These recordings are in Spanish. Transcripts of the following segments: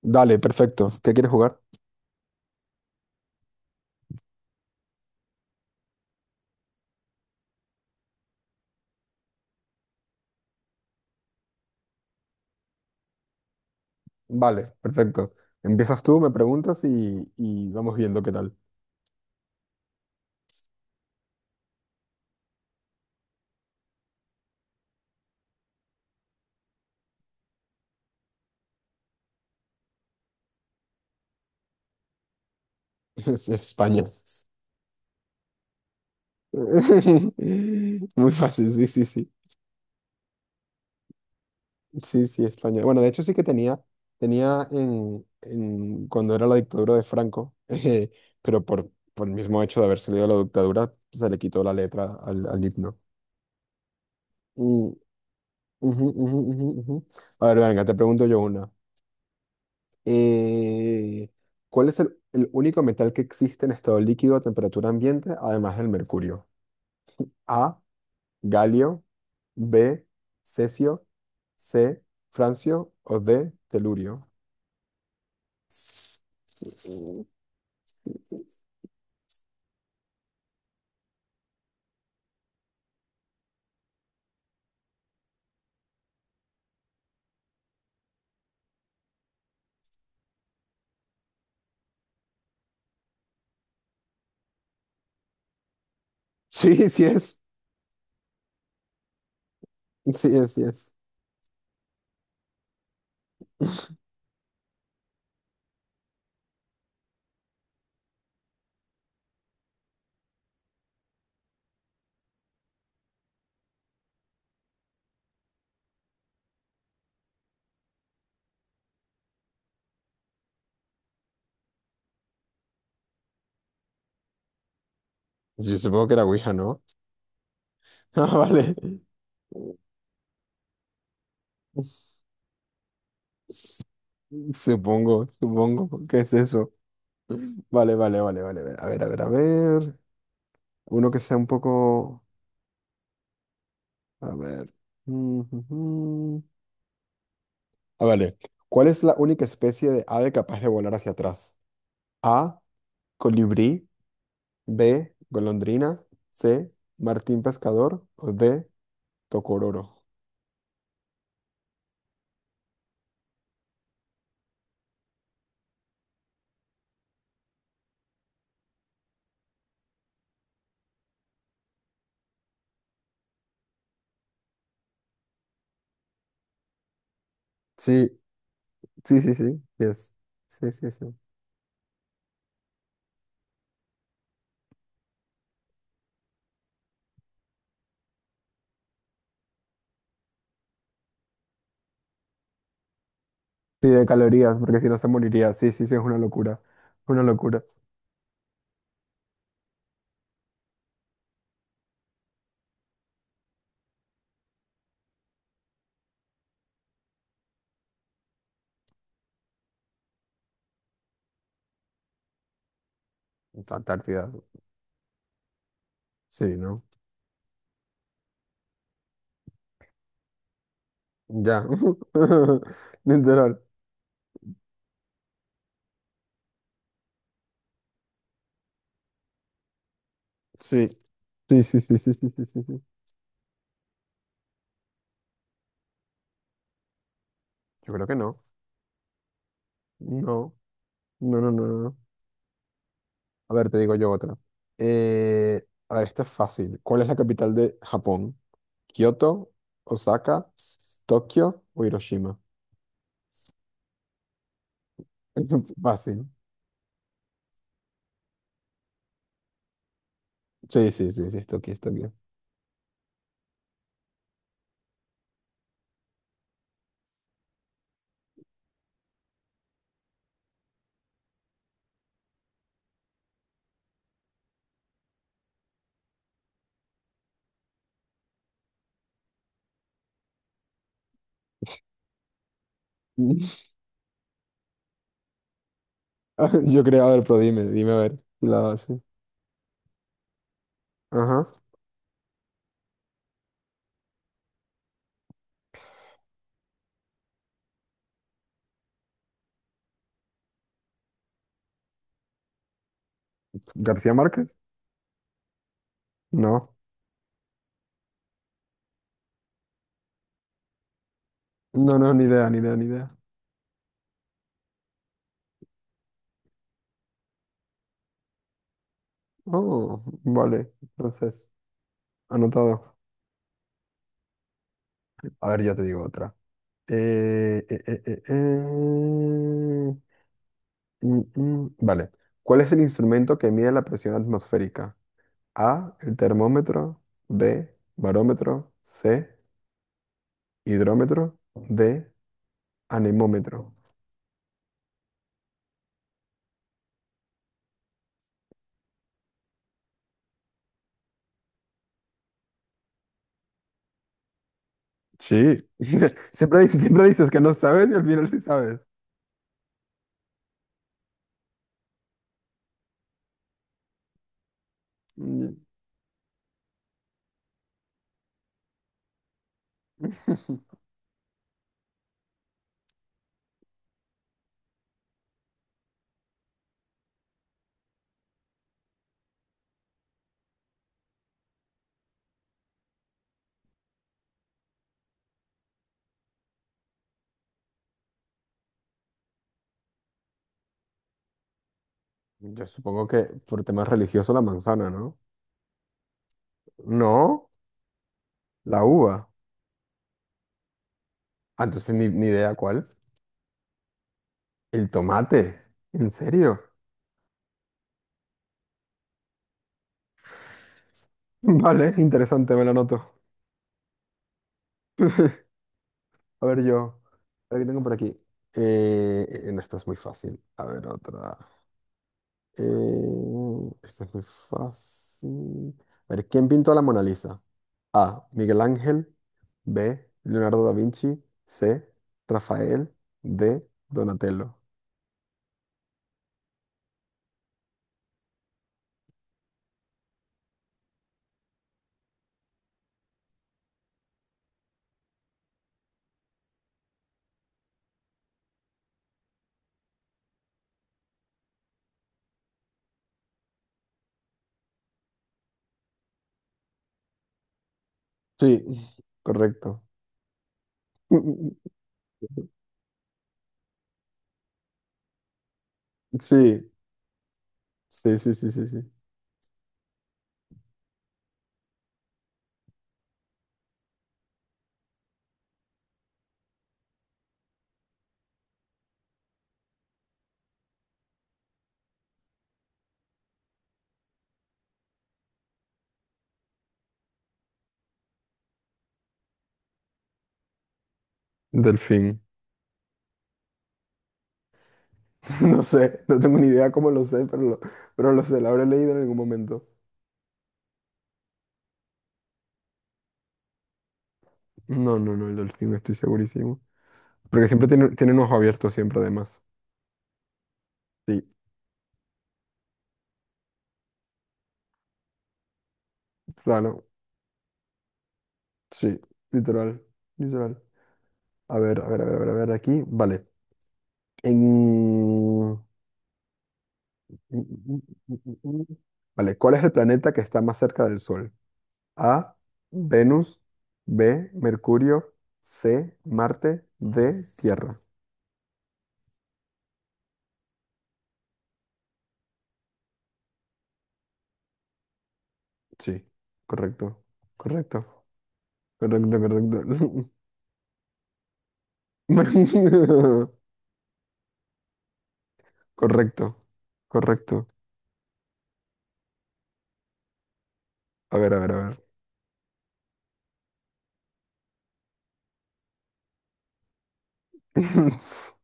Dale, perfecto. ¿Qué quieres jugar? Vale, perfecto. Empiezas tú, me preguntas y vamos viendo qué tal. Es España. Muy fácil, sí, sí, sí. Sí, sí, España. Bueno, de hecho sí que tenía, tenía cuando era la dictadura de Franco, pero por el mismo hecho de haber salido de la dictadura, se le quitó la letra al himno. Mm, ujú, ujú, ujú, ujú. A ver, venga, te pregunto yo una. Eh, ¿Cuál es el único metal que existe en estado líquido a temperatura ambiente, además del mercurio? A, galio, B, cesio, C, francio o D, telurio. Mm. Sí, sí es. Sí es, sí es. Yo supongo que era Ouija, ¿no? Ah, vale. Supongo, supongo. ¿Qué es eso? Vale, vale, vale, vale, vale. A ver, a ver, a ver. Uno que sea un poco... A ver. Ah, vale. ¿Cuál es la única especie de ave capaz de volar hacia atrás? A, colibrí. B, golondrina. C, martín pescador. O D, tocororo. Sí, sí, sí, sí. Yes. Sí, sí, sí. Sí, de calorías, porque si no se moriría. Sí, sí, sí, es una locura. Una locura. Antártida. Sí, ¿no? Ya. Literal. Sí. Sí, sí, sí, sí, sí, sí, sí, sí. Yo creo que no. No. No, no, no, no. A ver, te digo yo otra. A ver, esta es fácil. ¿Cuál es la capital de Japón? ¿Kioto, Osaka, Tokio o Hiroshima? Fácil. Sí, sí, sí, sí, es Tokio, es Tokio. Ah, yo creo, a ver, pero dime, dime a ver. Si La, sí. Ajá. ¿García Márquez? No. No, no, ni idea, ni idea, ni idea. Oh, vale. Entonces, anotado. A ver, ya te digo otra. Eh, eh, eh, eh, eh. Vale. ¿Cuál es el instrumento que mide la presión atmosférica? A, el termómetro, B, barómetro, C, hidrómetro, D, anemómetro. Sí. Siempre dices que no sabes y al final sí sabes. Mm. Yo supongo que por temas religiosos la manzana, ¿no? No, la uva. Ah, entonces ni, ni idea cuál. El tomate. ¿En serio? Vale, interesante, me lo anoto. A ver yo, a ver qué tengo por aquí. En esta es muy fácil. A ver otra. Esta es muy fácil. A ver, ¿quién pintó la Mona Lisa? A, Miguel Ángel. B, Leonardo da Vinci. C, Rafael. D, Donatello. Sí, correcto. Sí, sí, sí, sí, sí, sí. Delfín. No sé, no tengo ni idea cómo lo sé, pero pero lo sé, lo habré leído en algún momento. No, no, no, el delfín, estoy segurísimo. Porque siempre tiene un ojo abierto, siempre además. Sí, claro, sí, literal, literal. A ver, a ver, a ver, a ver, a ver, aquí, vale. En... mm, mm, mm, mm, mm. Vale, ¿cuál es el planeta que está más cerca del Sol? A, Venus, B, Mercurio, C, Marte, D, Tierra. Sí, correcto, correcto, correcto, correcto. Correcto, correcto. A ver, a ver, a ver.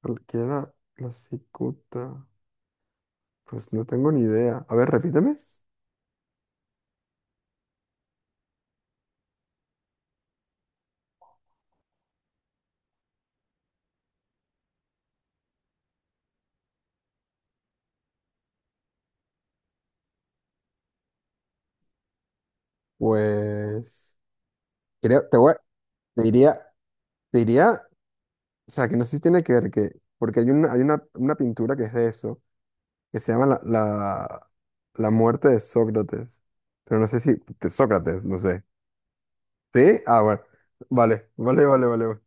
Cualquiera la la cicuta. Pues no tengo ni idea. A ver, repíteme. Pues creo, te diría, te diría, o sea, que no sé si tiene que ver que, porque hay una pintura que es de eso, que se llama la muerte de Sócrates. Pero no sé si, de Sócrates, no sé. ¿Sí? Ah, bueno. Vale, vale, vale, vale, vale.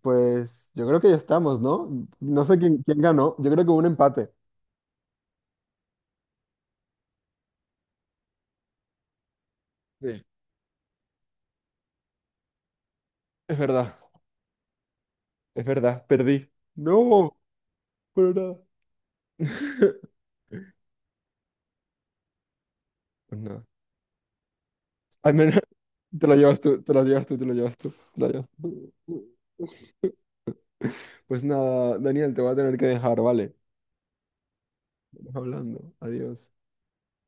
Pues yo creo que ya estamos, ¿no? No sé quién, quién ganó. Yo creo que hubo un empate. Sí, es verdad, es verdad, perdí. No, pero nada. No. Al menos te lo llevas tú, te lo llevas tú, te lo llevas tú, te lo llevas tú. Pues nada, Daniel, te voy a tener que dejar, ¿vale? Vamos hablando. Adiós.